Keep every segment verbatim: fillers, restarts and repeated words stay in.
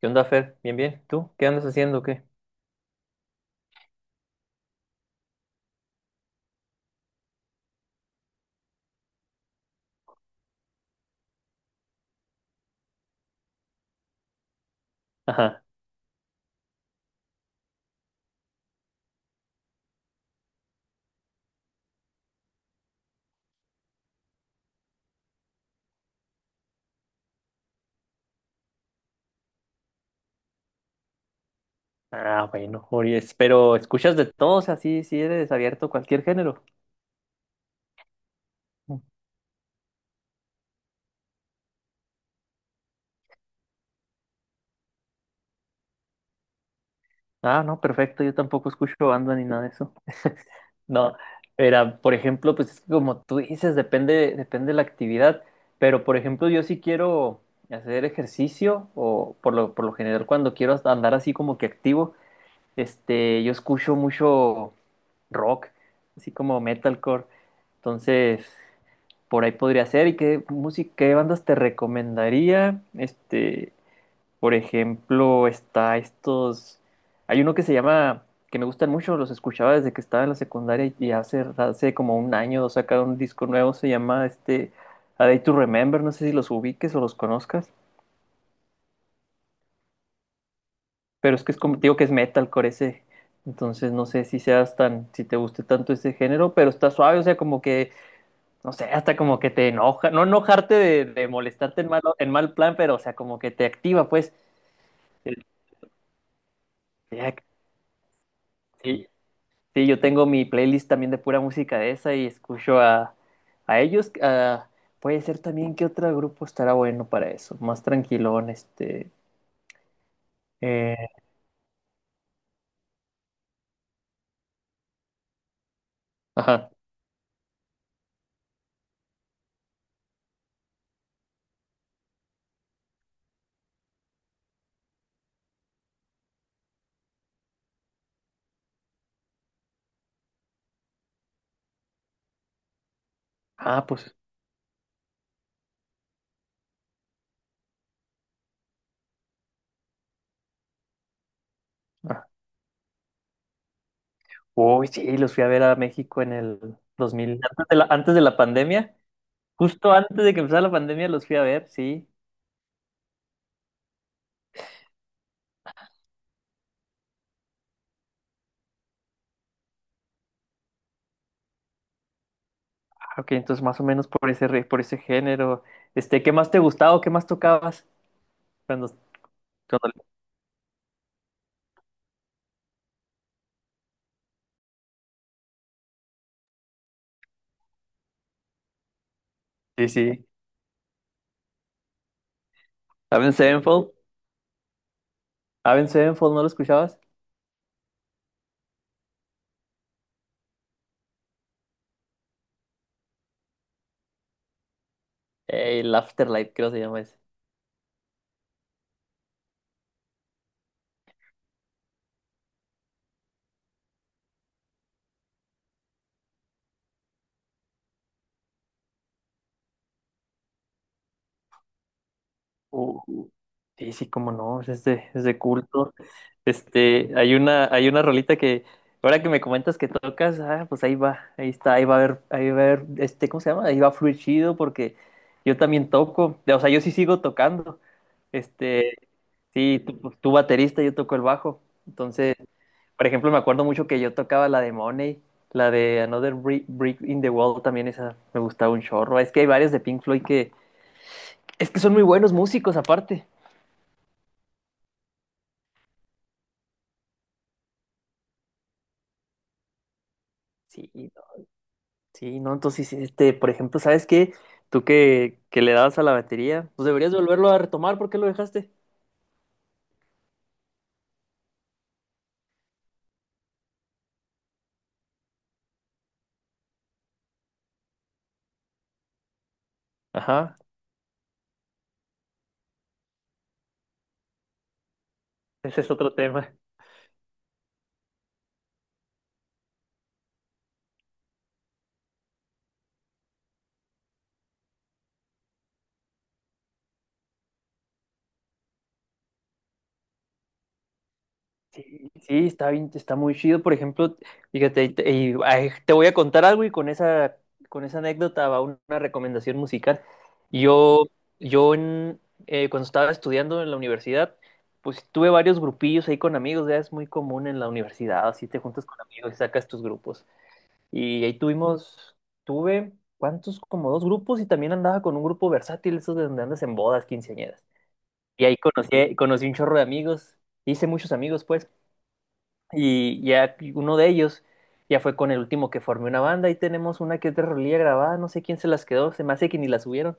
¿Qué onda, Fer? Bien, bien. ¿Tú? ¿Qué andas haciendo o qué? Ajá. Ah, bueno, Ories. Pero escuchas de todo, o sea, sí, sí eres abierto a cualquier género. Mm. Ah, no, perfecto. Yo tampoco escucho banda ni nada de eso. No, era, por ejemplo, pues es que como tú dices, depende, depende de la actividad. Pero, por ejemplo, yo sí quiero hacer ejercicio o por lo, por lo general cuando quiero hasta andar así como que activo, este, yo escucho mucho rock, así como metalcore. Entonces por ahí podría ser. ¿Y qué música, qué bandas te recomendaría? Este, por ejemplo, está estos. Hay uno que se llama, que me gustan mucho, los escuchaba desde que estaba en la secundaria y hace, hace como un año sacaron un disco nuevo, se llama este A Day to Remember, no sé si los ubiques o los conozcas, pero es que es como, digo que es metalcore ese. Entonces no sé si seas tan, si te guste tanto ese género, pero está suave, o sea, como que no sé, hasta como que te enoja, no enojarte de, de molestarte en mal, en mal plan, pero o sea, como que te activa, pues. Eh, ya- Sí, sí, yo tengo mi playlist también de pura música de esa y escucho a, a ellos. A- puede ser también que otro grupo estará bueno para eso, más tranquilón, este. Eh, ajá. Ah, pues. Ah. Uy, sí, los fui a ver a México en el dos mil antes de la, antes de la pandemia. Justo antes de que empezara la pandemia los fui a ver, sí. Ah, ok, entonces más o menos por ese, re- por ese género. Este, ¿qué más te gustaba o qué más tocabas? Cuando, cuando- Sí, sí. Avenged Sevenfold. Avenged Sevenfold, ¿no lo escuchabas? Eh, el Afterlight, creo que se llama ese. Uh, sí, sí, cómo no, es de, es de culto. Este, hay una, hay una rolita que, ahora que me comentas que tocas, ah, pues ahí va, ahí está, ahí va a haber, ahí va a haber, este, ¿cómo se llama? Ahí va a fluir chido porque yo también toco, o sea, yo sí sigo tocando. Este, sí, tú, pues, tú baterista, yo toco el bajo. Entonces, por ejemplo, me acuerdo mucho que yo tocaba la de Money, la de Another Bri- Brick in the Wall, también esa me gustaba un chorro. Es que hay varias de Pink Floyd que, es que son muy buenos músicos aparte. Sí, no, sí, no, entonces, sí, este, por ejemplo, ¿sabes qué? Tú que, que le dabas a la batería, pues deberías volverlo a retomar. ¿Por qué lo dejaste? Ajá, ese es otro tema. Sí, sí, está bien, está muy chido, por ejemplo, fíjate, y te, y, ay, te voy a contar algo y con esa, con esa anécdota va una recomendación musical. Yo, yo en, eh, Cuando estaba estudiando en la universidad, pues tuve varios grupillos ahí con amigos, ya es muy común en la universidad, así te juntas con amigos y sacas tus grupos. Y ahí tuvimos, tuve, ¿cuántos? Como dos grupos y también andaba con un grupo versátil, esos de donde andas en bodas, quinceañeras. Y ahí conocí, conocí un chorro de amigos, hice muchos amigos, pues. Y ya uno de ellos ya fue con el último que formé una banda. Ahí tenemos una que es de rolilla grabada, no sé quién se las quedó, se me hace que ni la subieron.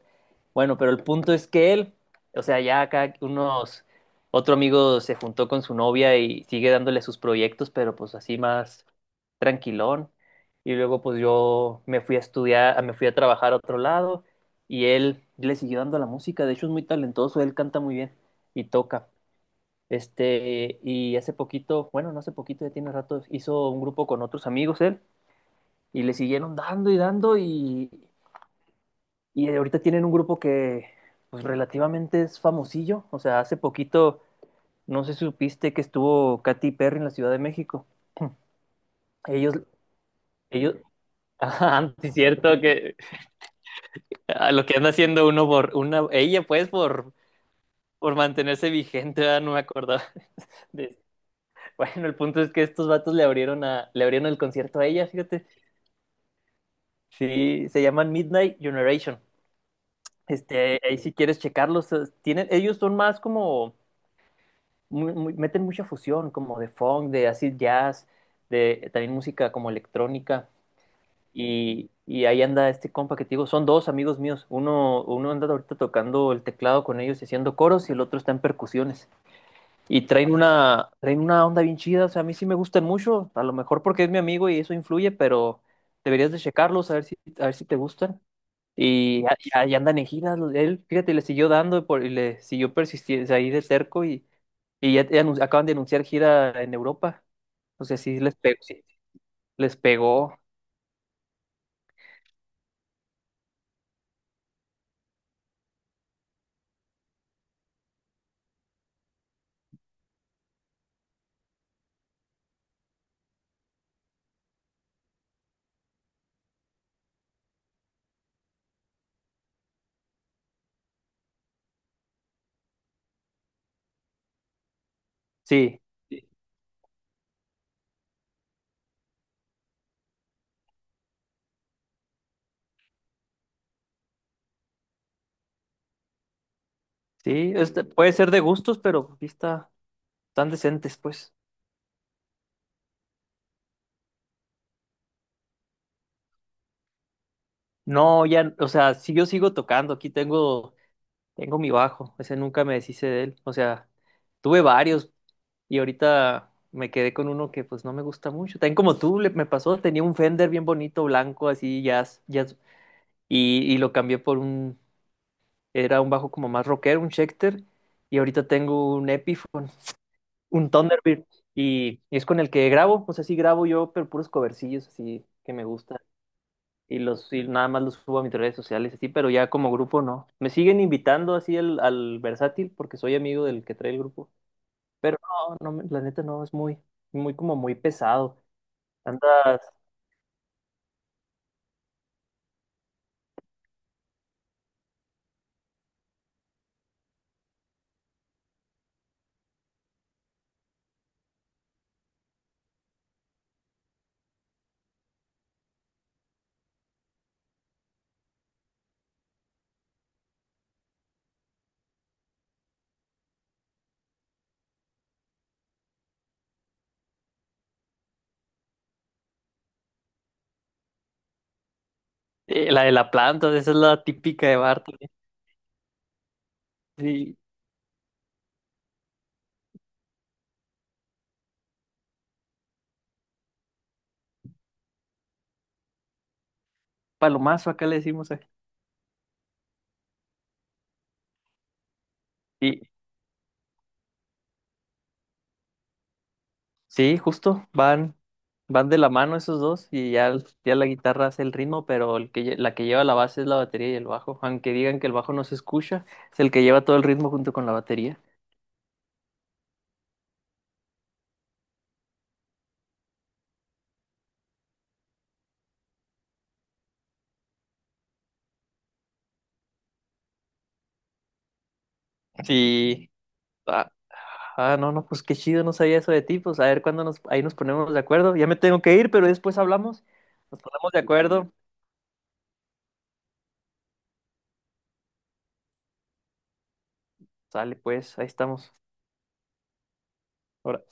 Bueno, pero el punto es que él, o sea, ya acá unos, otro amigo se juntó con su novia y sigue dándole sus proyectos, pero pues así más tranquilón. Y luego pues yo me fui a estudiar, me fui a trabajar a otro lado y él le siguió dando a la música. De hecho es muy talentoso, él canta muy bien y toca. Este, y hace poquito, bueno, no hace poquito, ya tiene rato, hizo un grupo con otros amigos él y le siguieron dando y dando y, y ahorita tienen un grupo que pues relativamente es famosillo. O sea, hace poquito, no sé si supiste que estuvo Katy Perry en la Ciudad de México. Ellos, ellos, ajá, sí es cierto que a lo que anda haciendo uno por una, ella pues por, por mantenerse vigente, ¿verdad? No me acordaba de- Bueno, el punto es que estos vatos le abrieron a, le abrieron el concierto a ella, fíjate. Sí, se llaman Midnight Generation. Este, ahí si quieres checarlos, eh, tienen, ellos son más como, muy- muy- meten mucha fusión, como de funk, de acid jazz, de eh, también música como electrónica. Y, y ahí anda este compa que te digo, son dos amigos míos. Uno, uno anda ahorita tocando el teclado con ellos y haciendo coros, y el otro está en percusiones. Y traen una, traen una onda bien chida, o sea, a mí sí me gustan mucho, a lo mejor porque es mi amigo y eso influye, pero deberías de checarlos, a ver si, a ver si te gustan. Y a- y ahí andan en giras, los- él, fíjate, le siguió dando por- y le siguió persistiendo ahí de cerco y, y ya, ya anun- acaban de anunciar gira en Europa. O sea, sí les pegó, sí, les pegó. Sí, sí, este, puede ser de gustos, pero aquí está, están decentes, pues. No, ya, o sea, si yo sigo tocando, aquí tengo, tengo mi bajo, ese nunca me deshice de él. O sea, tuve varios, y ahorita me quedé con uno que pues no me gusta mucho. También como tú le- me pasó, tenía un Fender bien bonito, blanco, así, jazz, jazz, y, y lo cambié por un, era un bajo como más rockero, un Schecter, y ahorita tengo un Epiphone, un Thunderbird, y, y es con el que grabo, o sea, sí grabo yo, pero puros covercillos así que me gustan. Y los, y nada más los subo a mis redes sociales así, pero ya como grupo no. Me siguen invitando así al, al versátil porque soy amigo del que trae el grupo. Pero no, no, la neta no, es muy, muy como muy pesado. Tantas, eh, la de la planta, esa es la típica de Bartlett. Sí, palomazo acá le decimos. Eh. Y sí, justo, van, van de la mano esos dos y ya, ya la guitarra hace el ritmo, pero el que, lle- la que lleva la base es la batería y el bajo. Aunque digan que el bajo no se escucha, es el que lleva todo el ritmo junto con la batería. Sí, ah, no, no, pues qué chido, no sabía eso de ti. Pues a ver cuándo nos, ahí nos ponemos de acuerdo. Ya me tengo que ir, pero después hablamos. Nos ponemos de acuerdo. Sale, pues, ahí estamos. Ahora.